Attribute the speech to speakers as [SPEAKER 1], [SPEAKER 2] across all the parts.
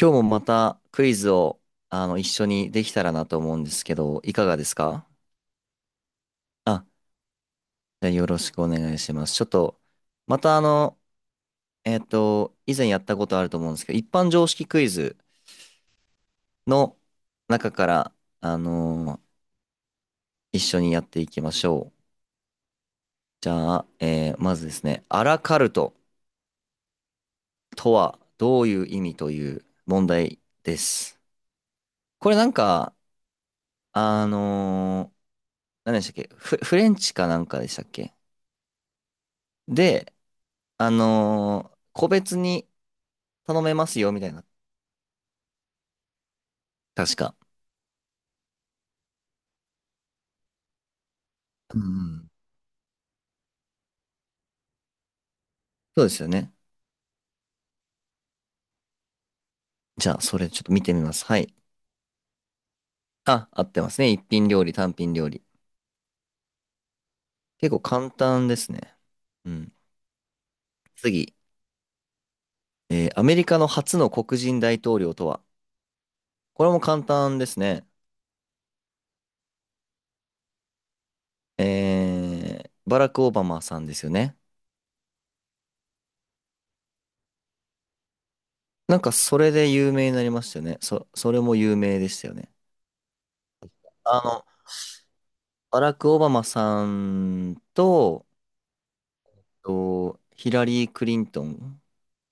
[SPEAKER 1] 今日もまたクイズを一緒にできたらなと思うんですけど、いかがですか？あ、じゃあよろしくお願いします。ちょっと、また以前やったことあると思うんですけど、一般常識クイズの中から、あのー一緒にやっていきましょう。じゃあ、まずですね、アラカルトとはどういう意味という問題です。これなんか、あのー何でしたっけ？フレンチかなんかでしたっけ？で、個別に頼めますよ、みたいな。確か。うんうん。そうですよね。じゃあ、それちょっと見てみます。はい。あ、合ってますね。一品料理、単品料理。結構簡単ですね。うん。次。アメリカの初の黒人大統領とは？これも簡単ですね。バラク・オバマさんですよね。なんか、それで有名になりましたよね。それも有名でしたよね。あの、バラク・オバマさんと、ヒラリー・クリントン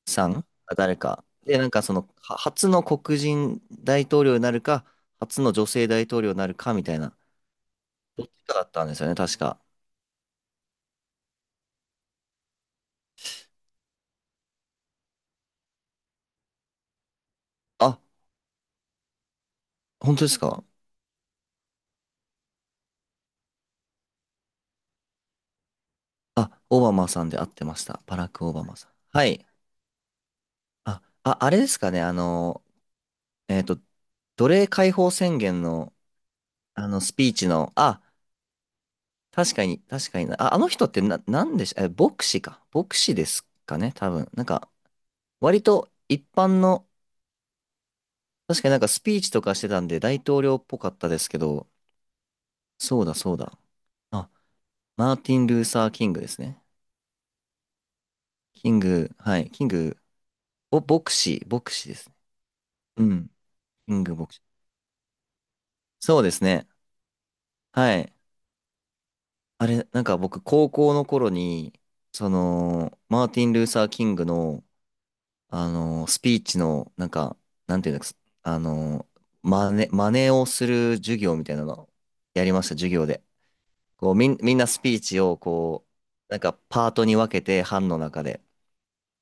[SPEAKER 1] さんんが誰か。で、なんかは初の黒人大統領になるか、初の女性大統領になるかみたいな、どっちかだったんですよね、確か。あ、本当ですか？あ、オバマさんで合ってました。バラク・オバマさん。はい。あ、あれですかね、えっと、奴隷解放宣言の、スピーチの、確かに、確かにな。あ、あの人ってな、なんでし、え、牧師か。牧師ですかね、多分。なんか、割と一般の、確かになんかスピーチとかしてたんで大統領っぽかったですけど、そうだそうだ。あ、マーティン・ルーサー・キングですね。キング、はい、キング、牧師、牧師ですね。うん、キング牧師。そうですね。はい。あれ、なんか僕、高校の頃に、マーティン・ルーサー・キングの、スピーチの、なんか、なんていうんですか、真似をする授業みたいなの、やりました、授業で。みんなスピーチをこう、なんかパートに分けて、班の中で。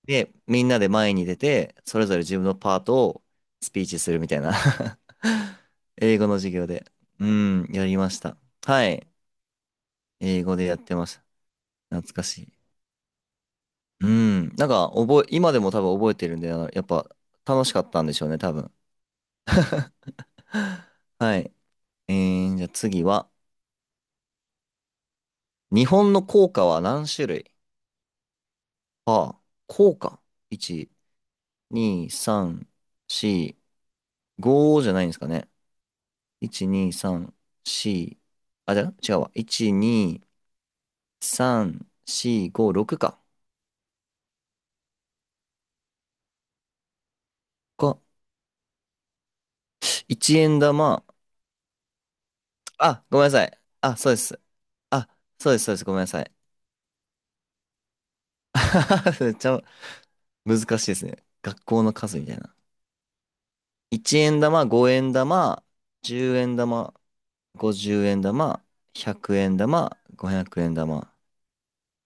[SPEAKER 1] で、みんなで前に出て、それぞれ自分のパートをスピーチするみたいな 英語の授業で。うん、やりました。はい。英語でやってました。懐かしい。うん。なんか、今でも多分覚えてるんで、あのやっぱ楽しかったんでしょうね、多分。はい。じゃあ次は、日本の硬貨は何種類？ああ、硬貨。いち2、3、4、5じゃないんですかね。1、2、3、4、あ、じゃあ違うわ。1、2、3、4、5、6か。か、1円玉。あ、ごめんなさい。あ、そうです。あ、そうです、そうです。ごめんなさい。めっちゃ難しいですね。学校の数みたいな。1円玉、5円玉、10円玉、50円玉、100円玉、500円玉。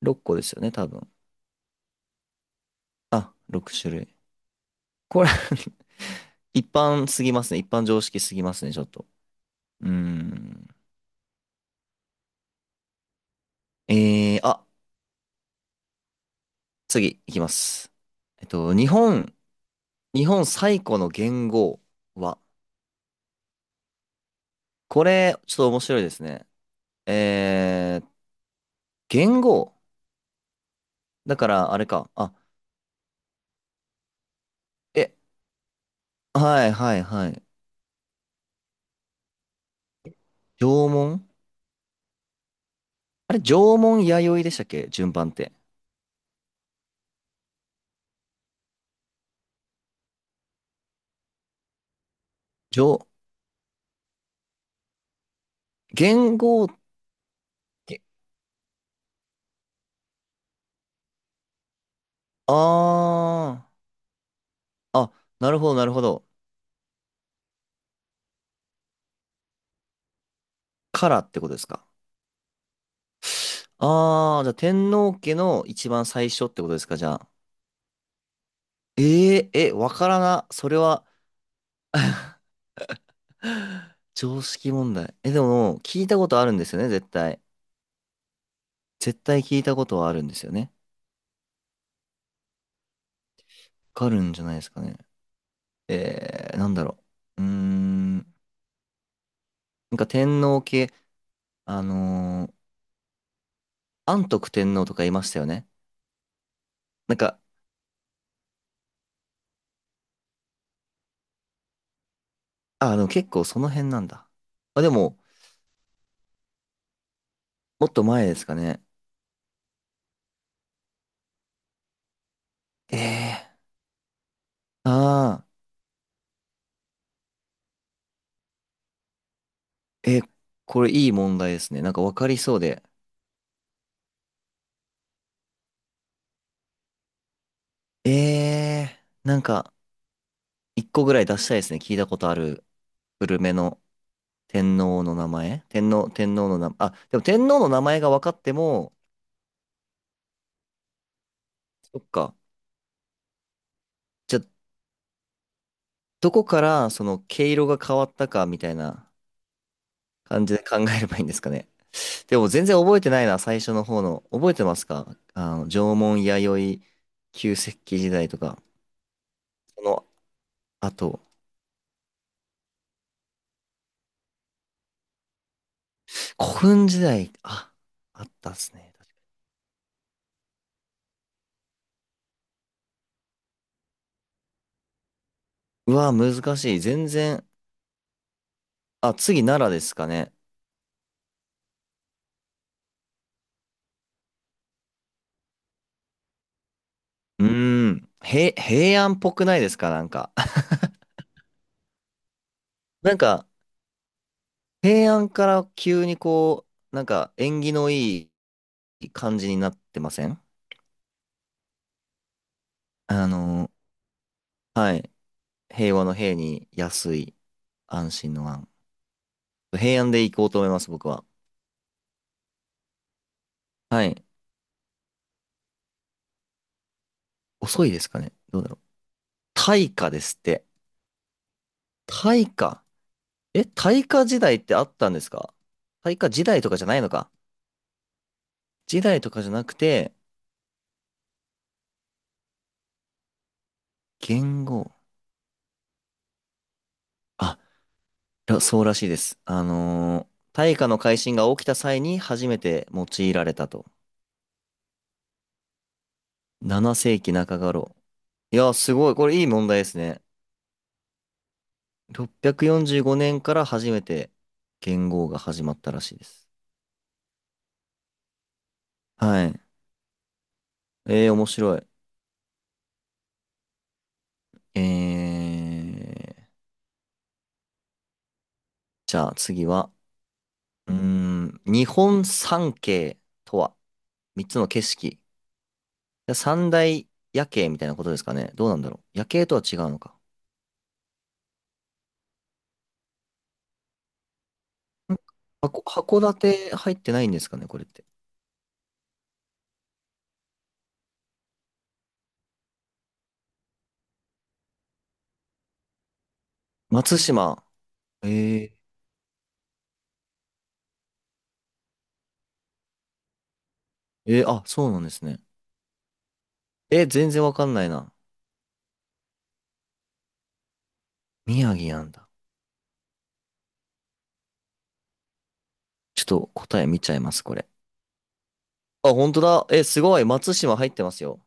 [SPEAKER 1] 6個ですよね、多分。あ、6種類。これ 一般すぎますね。一般常識すぎますね、ちょっと。うーん。えー、あ、次いきます。えっと、日本、日本最古の元号は？これ、ちょっと面白いですね。えー、元号だから、あれか。え、はいはいはい。縄文縄文弥生でしたっけ順番って？縄、元号って、あー、あ、なるほどなるほど。からってことですか？ああ、じゃあ天皇家の一番最初ってことですか、じゃあ？えええ、わからな。それは 常識問題。え、でも、聞いたことあるんですよね、絶対。絶対聞いたことはあるんですよね。わかるんじゃないですかね。なんだろう。うーん。なんか天皇家、あのー安徳天皇とかいましたよね。なんか、あ、でも結構その辺なんだ。あ、でも、もっと前ですかね。えー、ああ、え、これいい問題ですね。なんかわかりそうで。ええー、なんか、一個ぐらい出したいですね。聞いたことある、古めの天皇の名前、天皇の名前、あ、でも天皇の名前が分かっても、そっか。じゃあ、どこからその毛色が変わったかみたいな感じで考えればいいんですかね。でも全然覚えてないな、最初の方の。覚えてますか？縄文弥生、旧石器時代とか、その後、古墳時代、あ、あったっすね。うわ、難しい。全然、あ、次奈良ですかね。うーん。平安っぽくないですかなんか？なんか、平安から急にこう、なんか縁起のいい感じになってませんあの、はい。平和の平に安い、安心の安。平安で行こうと思います、僕は。はい。遅いですかね、どうだろう。大化ですって。大化大化時代ってあったんですか？大化時代とかじゃないのか。時代とかじゃなくて、元号。あらそうらしいです。大化の改新が起きた際に初めて用いられたと。7世紀中頃。いや、すごい。これいい問題ですね。645年から初めて元号が始まったらしいです。はい。面白い。えー、じゃあ次は、日本三景とは？3つの景色。三大夜景みたいなことですかね。どうなんだろう。夜景とは違うのか。ん箱、函館入ってないんですかね、これって。松島。えあ、そうなんですね。全然わかんないな。宮城なんだ。ちょっと答え見ちゃいます、これ。あ、本当だ。すごい。松島入ってますよ。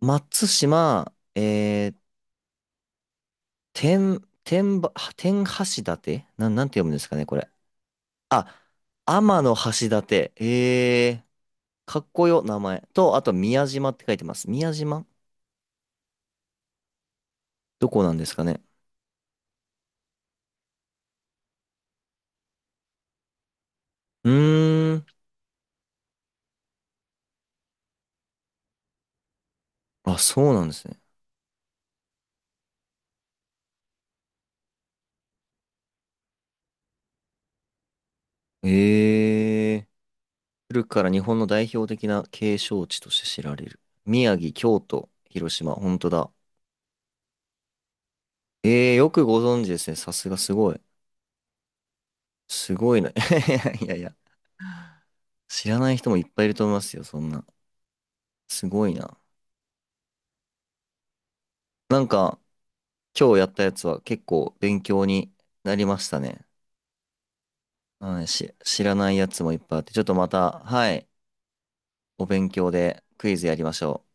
[SPEAKER 1] 松島、天橋立なんて読むんですかね、これ。あ、天の橋立。かっこよ、名前。と、あと、宮島って書いてます。宮島どこなんですかね。うーん。あ、そうなんですね。ええ、古くから日本の代表的な景勝地として知られる。宮城、京都、広島、本当だ。ええ、よくご存知ですね。さすがすごい。すごいな。いやいや、知らない人もいっぱいいると思いますよ、そんな。すごいな。なんか、今日やったやつは結構勉強になりましたね。はい、知らないやつもいっぱいあって、ちょっとまた、はい、お勉強でクイズやりましょう。